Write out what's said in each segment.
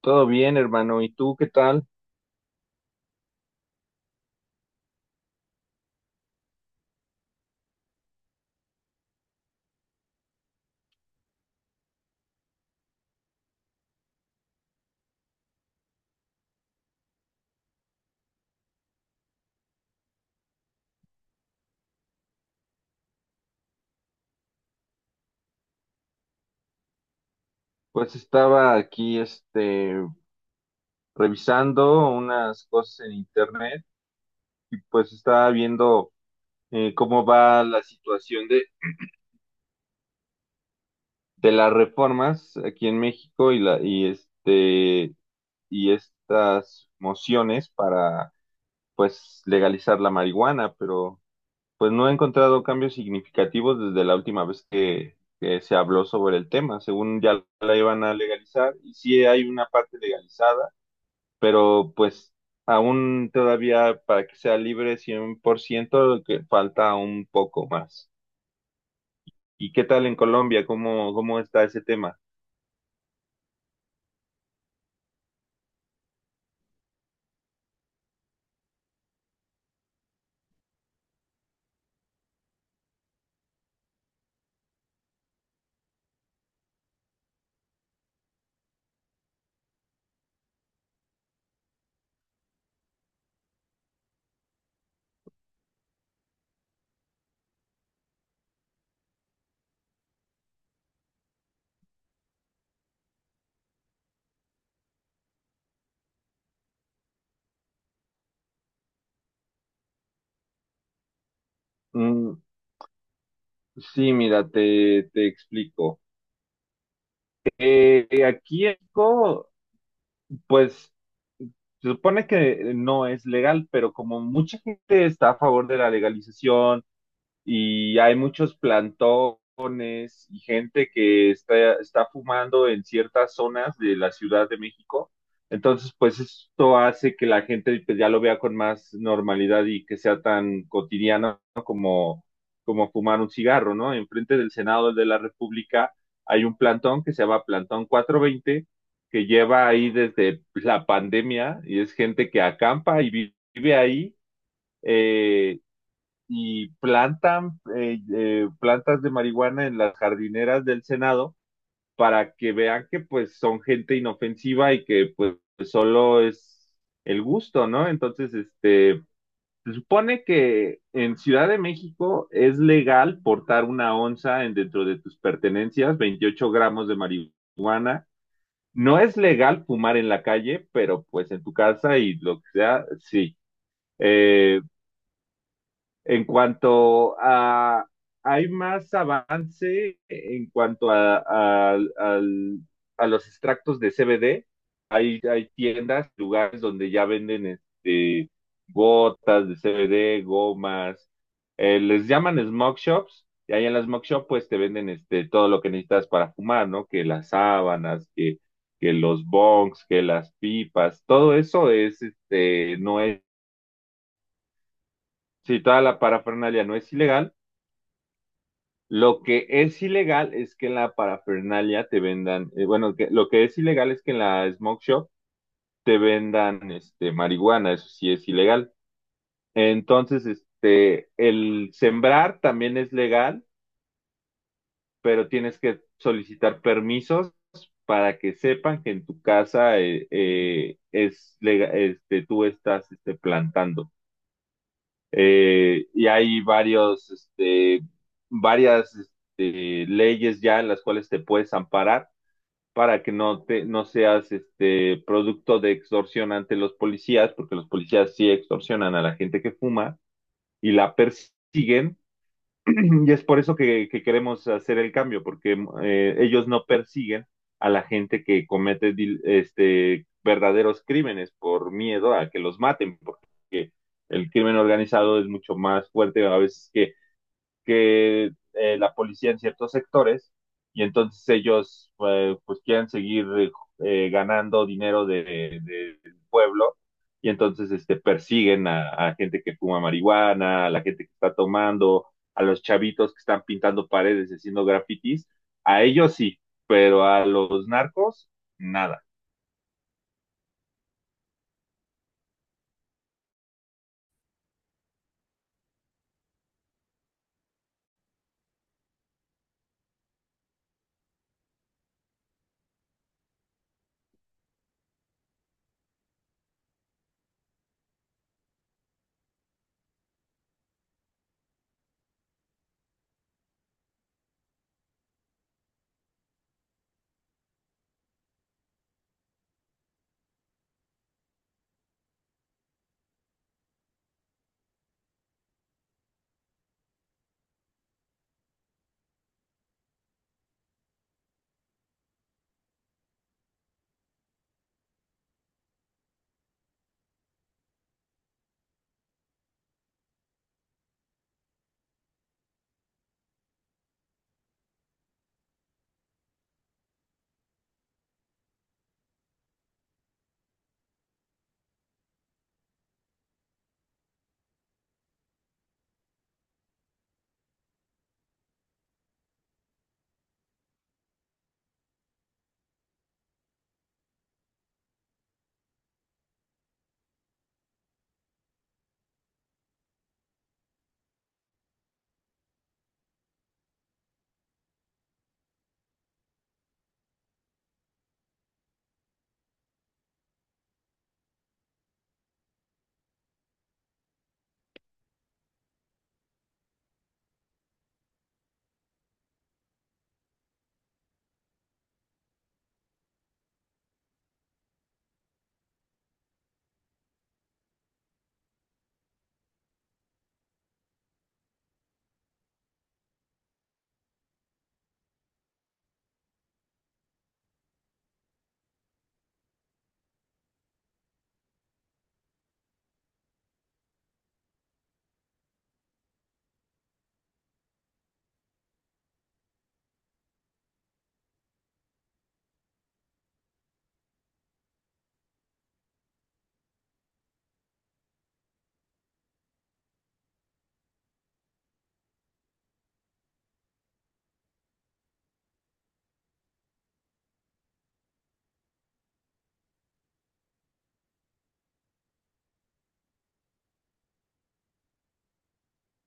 Todo bien, hermano. ¿Y tú qué tal? Pues estaba aquí, revisando unas cosas en internet y pues estaba viendo cómo va la situación de las reformas aquí en México y la, y y estas mociones para, pues, legalizar la marihuana, pero pues no he encontrado cambios significativos desde la última vez que se habló sobre el tema. Según ya la iban a legalizar y sí hay una parte legalizada, pero pues aún todavía para que sea libre 100%, que falta un poco más. ¿Y qué tal en Colombia? ¿Cómo, cómo está ese tema? Mm, sí, mira, te explico. Aquí en México, pues se supone que no es legal, pero como mucha gente está a favor de la legalización y hay muchos plantones, y gente que está, está fumando en ciertas zonas de la Ciudad de México. Entonces, pues esto hace que la gente, pues, ya lo vea con más normalidad y que sea tan cotidiano, ¿no? Como, como fumar un cigarro, ¿no? Enfrente del Senado de la República hay un plantón que se llama Plantón 420, que lleva ahí desde la pandemia y es gente que acampa y vive ahí, eh, y plantan plantas de marihuana en las jardineras del Senado para que vean que pues son gente inofensiva y que pues solo es el gusto, ¿no? Entonces, se supone que en Ciudad de México es legal portar una onza en dentro de tus pertenencias, 28 gramos de marihuana. No es legal fumar en la calle, pero pues en tu casa y lo que sea, sí. Eh, en cuanto a, hay más avance en cuanto a, a los extractos de CBD. Hay, hay tiendas, lugares donde ya venden gotas de CBD, gomas. Les llaman smoke shops. Y ahí en las smoke shop pues te venden todo lo que necesitas para fumar, ¿no? Que las sábanas, que los bongs, que las pipas. Todo eso es, este, no es, si toda la parafernalia no es ilegal. Lo que es ilegal es que en la parafernalia te vendan, bueno, lo que es ilegal es que en la smoke shop te vendan marihuana, eso sí es ilegal. Entonces, el sembrar también es legal, pero tienes que solicitar permisos para que sepan que en tu casa, es tú estás, plantando. Y hay varias, leyes ya en las cuales te puedes amparar para que no te, no seas, producto de extorsión ante los policías, porque los policías sí extorsionan a la gente que fuma y la persiguen, y es por eso que queremos hacer el cambio, porque ellos no persiguen a la gente que comete verdaderos crímenes por miedo a que los maten, porque el crimen organizado es mucho más fuerte a veces que la policía en ciertos sectores, y entonces ellos, pues quieren seguir, ganando dinero del pueblo, y entonces persiguen a gente que fuma marihuana, a la gente que está tomando, a los chavitos que están pintando paredes y haciendo grafitis, a ellos sí, pero a los narcos nada.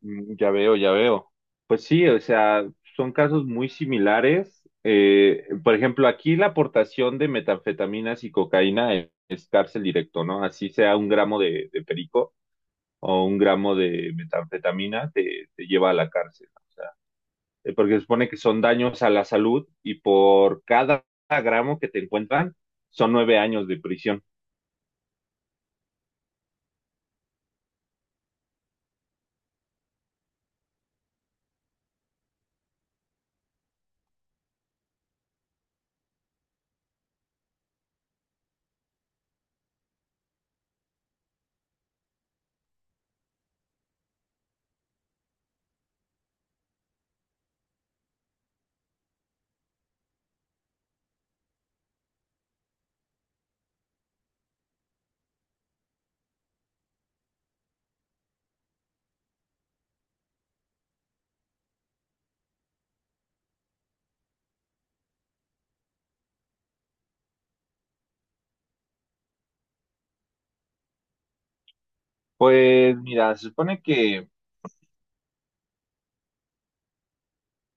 Mm, ya veo, ya veo. Pues sí, o sea, son casos muy similares. Por ejemplo, aquí la aportación de metanfetaminas y cocaína es cárcel directo, ¿no? Así sea un gramo de perico o un gramo de metanfetamina te, te lleva a la cárcel, ¿no? O sea, porque se supone que son daños a la salud y por cada gramo que te encuentran son 9 años de prisión. Pues mira, se supone que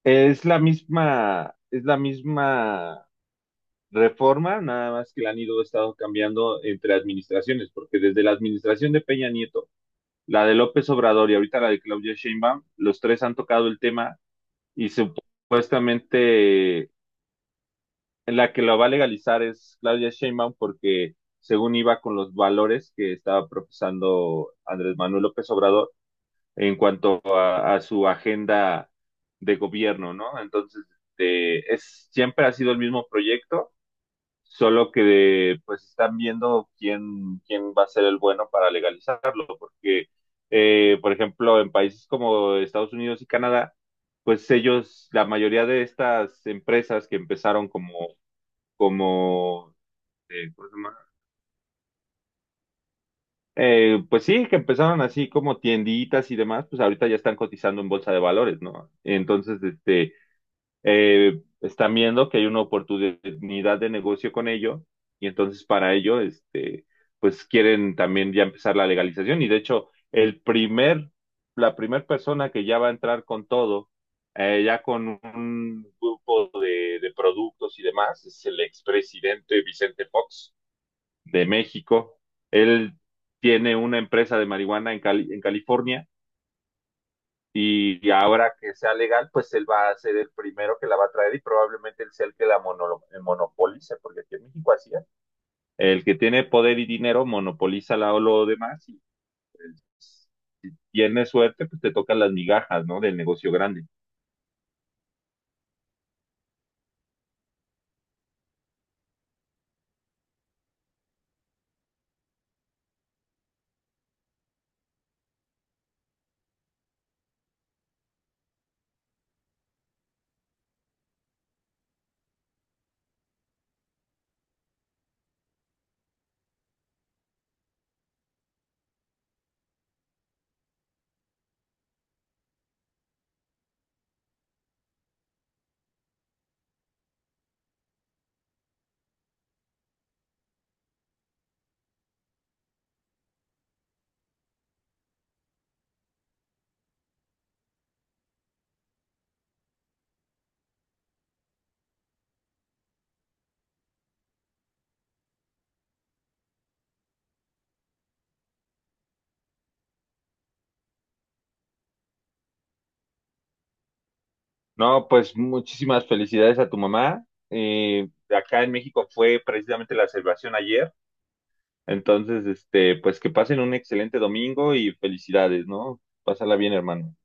es la misma reforma, nada más que la han ido estado cambiando entre administraciones, porque desde la administración de Peña Nieto, la de López Obrador y ahorita la de Claudia Sheinbaum, los tres han tocado el tema, y supuestamente la que lo va a legalizar es Claudia Sheinbaum, porque según iba con los valores que estaba profesando Andrés Manuel López Obrador en cuanto a su agenda de gobierno, ¿no? Entonces, es, siempre ha sido el mismo proyecto, solo que pues están viendo quién, quién va a ser el bueno para legalizarlo, porque, por ejemplo, en países como Estados Unidos y Canadá, pues ellos, la mayoría de estas empresas que empezaron como, ¿cómo se llama? Pues sí, que empezaron así como tienditas y demás, pues ahorita ya están cotizando en bolsa de valores, ¿no? Entonces, están viendo que hay una oportunidad de negocio con ello, y entonces para ello, pues quieren también ya empezar la legalización, y de hecho el primer, la primer persona que ya va a entrar con todo, ya con un grupo de productos y demás, es el expresidente Vicente Fox de México. Él tiene una empresa de marihuana en en California, y ahora que sea legal, pues él va a ser el primero que la va a traer y probablemente él sea el que la monopolice, porque aquí en México así es. El que tiene poder y dinero monopoliza la, lo demás, y pues, si tienes suerte, pues te tocan las migajas, ¿no? Del negocio grande. No, pues muchísimas felicidades a tu mamá. Acá en México fue precisamente la celebración ayer. Entonces, pues que pasen un excelente domingo y felicidades, ¿no? Pásala bien, hermano.